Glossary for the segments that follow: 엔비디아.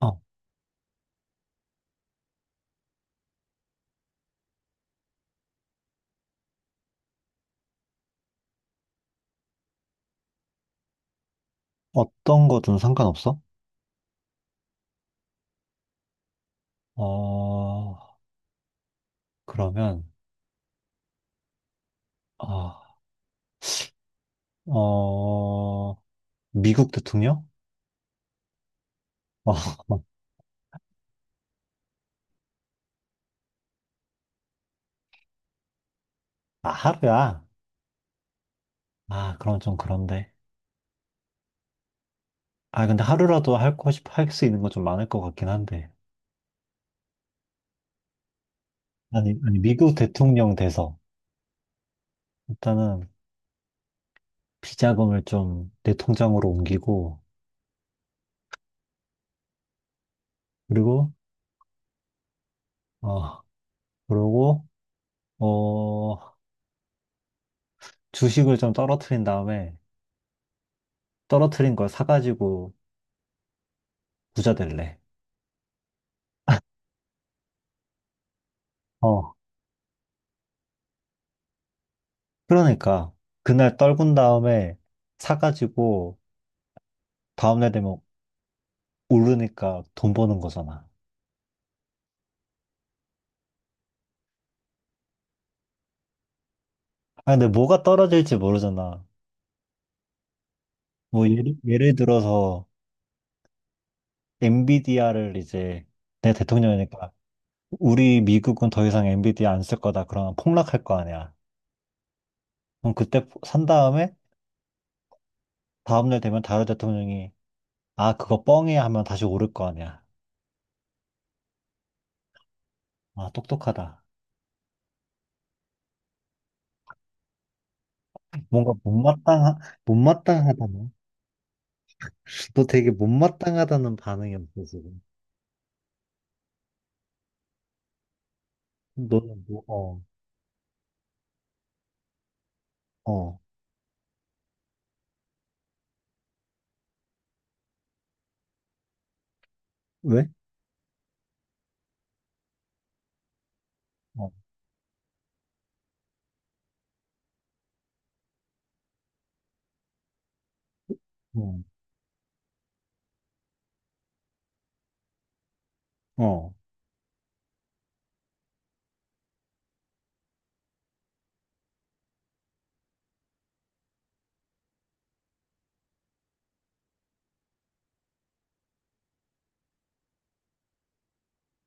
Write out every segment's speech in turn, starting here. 어, 어떤 거든 상관없어? 어, 그러면, 아, 어, 미국 대통령? 어, 아, 하루야. 아, 그럼 좀 그런데. 아, 근데 하루라도 할 거, 할수 있는 거 좀 많을 것 같긴 한데. 아니, 미국 대통령 돼서. 일단은 비자금을 좀 내 통장으로 옮기고, 그리고, 어, 그러고, 어, 주식을 좀 떨어뜨린 다음에, 떨어뜨린 걸 사가지고 부자 될래. 어. 그러니까 그날 떨군 다음에 사가지고 다음날 되면 오르니까 돈 버는 거잖아. 아, 근데 뭐가 떨어질지 모르잖아. 뭐 예를 들어서 엔비디아를 이제 내 대통령이니까 우리 미국은 더 이상 엔비디아 안 쓸 거다. 그러면 폭락할 거 아니야. 그럼 그때 산 다음에 다음날 되면 다른 대통령이 아 그거 뻥이야 하면 다시 오를 거 아니야. 아 똑똑하다. 뭔가 못마땅하, 못마땅하다. 너 되게 못마땅하다는 반응이었어, 지금. 너는 어, 왜? 어, 어, 어.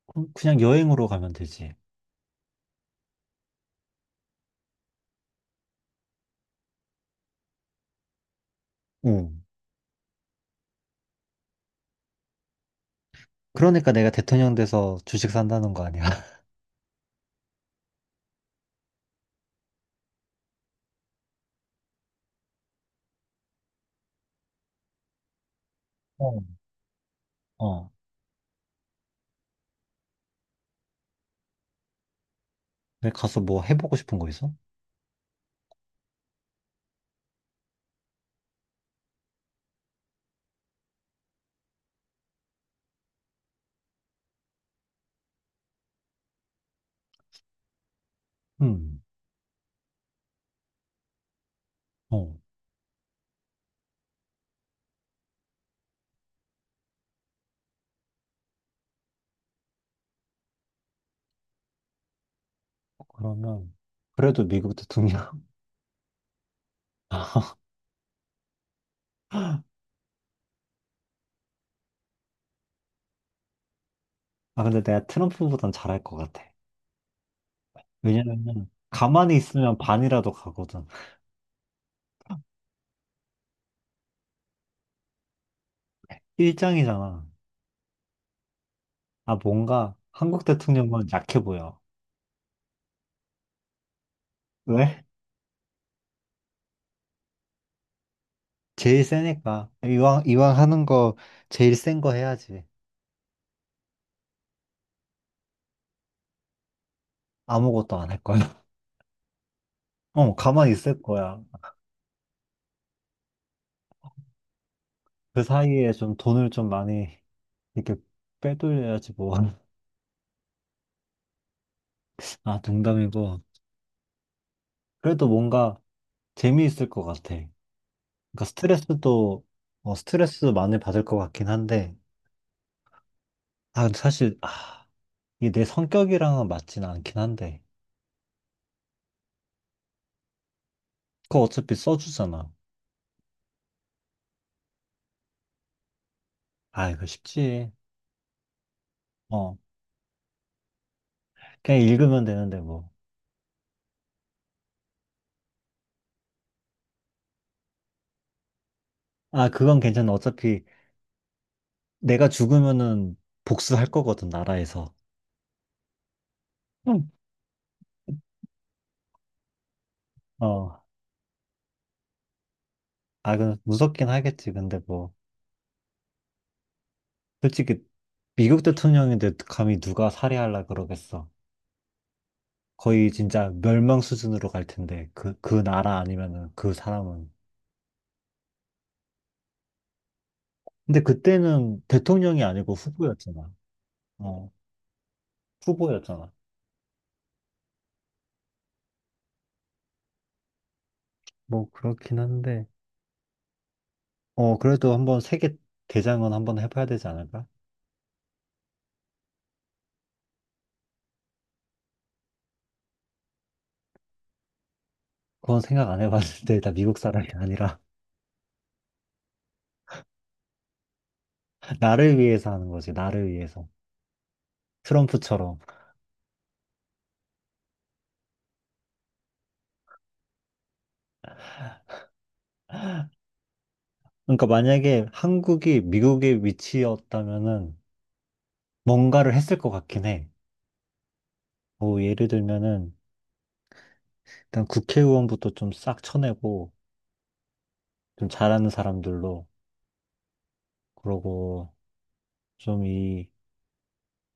그냥 여행으로 가면 되지. 응. 그러니까 내가 대통령 돼서 주식 산다는 거 아니야? 어. 어. 내가 가서 뭐 해보고 싶은 거 있어? 응. 어. 그러면, 그래도 미국 대통령. 아, 근데 내가 트럼프보단 잘할 것 같아. 왜냐면, 가만히 있으면 반이라도 가거든. 일장이잖아. 아, 뭔가 한국 대통령은 약해 보여. 왜? 제일 세니까. 이왕 하는 거 제일 센 거 해야지. 아무것도 안 할 거야. 어, 가만히 있을 거야. 그 사이에 좀 돈을 좀 많이 이렇게 빼돌려야지 뭐. 아, 농담이고. 그래도 뭔가 재미있을 것 같아. 그러니까 스트레스도, 스트레스도 많이 받을 것 같긴 한데. 아, 근데 사실, 아, 이게 내 성격이랑은 맞진 않긴 한데. 그거 어차피 써주잖아. 아, 이거 쉽지. 어, 그냥 읽으면 되는데 뭐. 아, 그건 괜찮아. 어차피 내가 죽으면은 복수할 거거든, 나라에서. 응. 어, 그 무섭긴 하겠지. 근데 뭐, 솔직히 미국 대통령인데 감히 누가 살해하려 그러겠어. 거의 진짜 멸망 수준으로 갈 텐데, 그 나라 아니면은 그 사람은. 근데 그때는 대통령이 아니고 후보였잖아. 어, 후보였잖아. 뭐, 그렇긴 한데, 어, 그래도 한번 세계 대장은 한번 해봐야 되지 않을까? 그건 생각 안 해봤는데, 다 미국 사람이 아니라, 나를 위해서 하는 거지, 나를 위해서. 트럼프처럼. 그러니까 만약에 한국이 미국의 위치였다면은 뭔가를 했을 것 같긴 해. 뭐 예를 들면은 일단 국회의원부터 좀 싹 쳐내고 좀 잘하는 사람들로 그러고 좀 이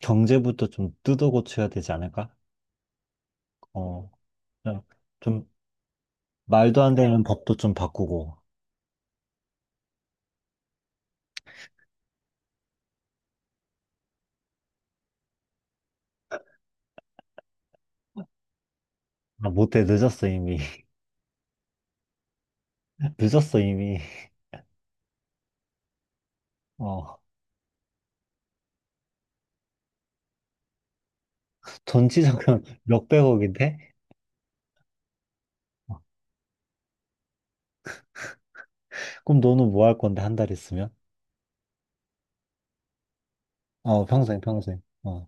경제부터 좀 뜯어 고쳐야 되지 않을까? 어, 그냥 좀 말도 안 되는 법도 좀 바꾸고. 아, 못해. 늦었어, 이미. 늦었어, 이미. 어, 전체적으로 몇백억인데? 그럼 너는 뭐 할 건데, 한 달 있으면? 평생. 어.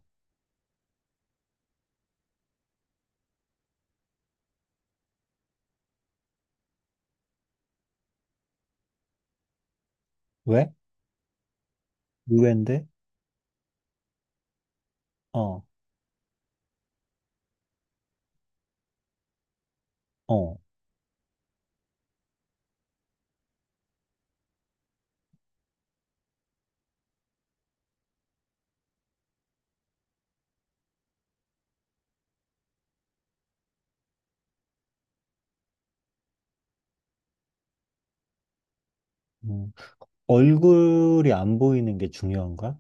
왜? 의외인데? 어, 어. 음. 얼굴이 안 보이는 게 중요한 거야?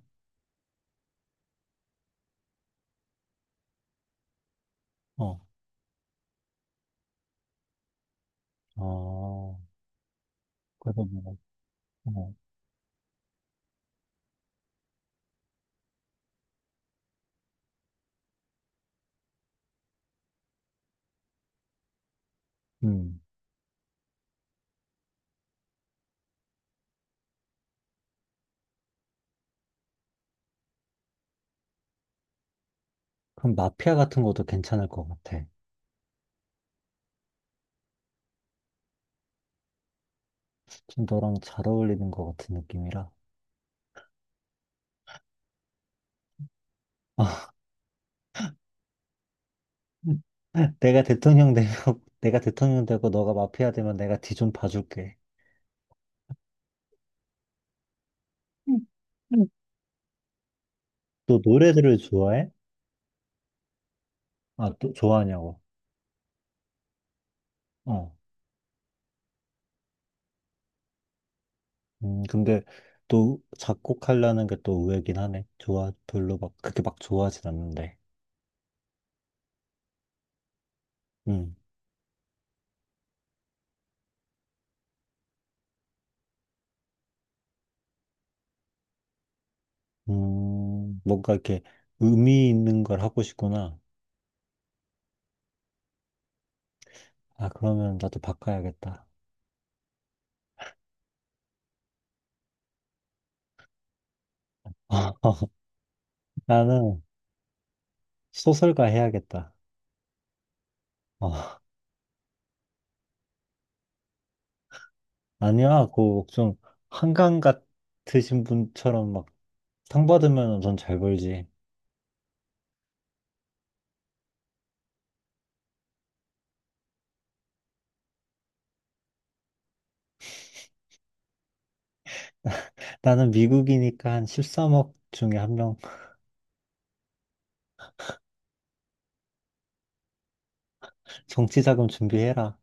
어, 어. 그래서 뭐, 어. 음. 그럼 마피아 같은 것도 괜찮을 것 같아. 좀 너랑 잘 어울리는 것 같은 느낌이라. 내가 대통령 되고 내가 대통령 되고 너가 마피아 되면 내가 뒤 좀 봐줄게. 음. 음. 너 노래들을 좋아해? 아, 또 좋아하냐고. 어. 근데 또 작곡하려는 게 또 의외긴 하네. 좋아, 별로 막, 그렇게 막 좋아하진 않는데. 음, 뭔가 이렇게 의미 있는 걸 하고 싶구나. 아, 그러면 나도 바꿔야겠다. 나는 소설가 해야겠다. 어, 아니야, 그, 좀, 한강 같으신 분처럼 막, 상 받으면 돈 잘 벌지. 나는 미국이니까 한 13억 중에 한 명, 정치 자금 준비해라.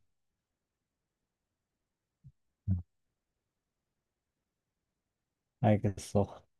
알겠어.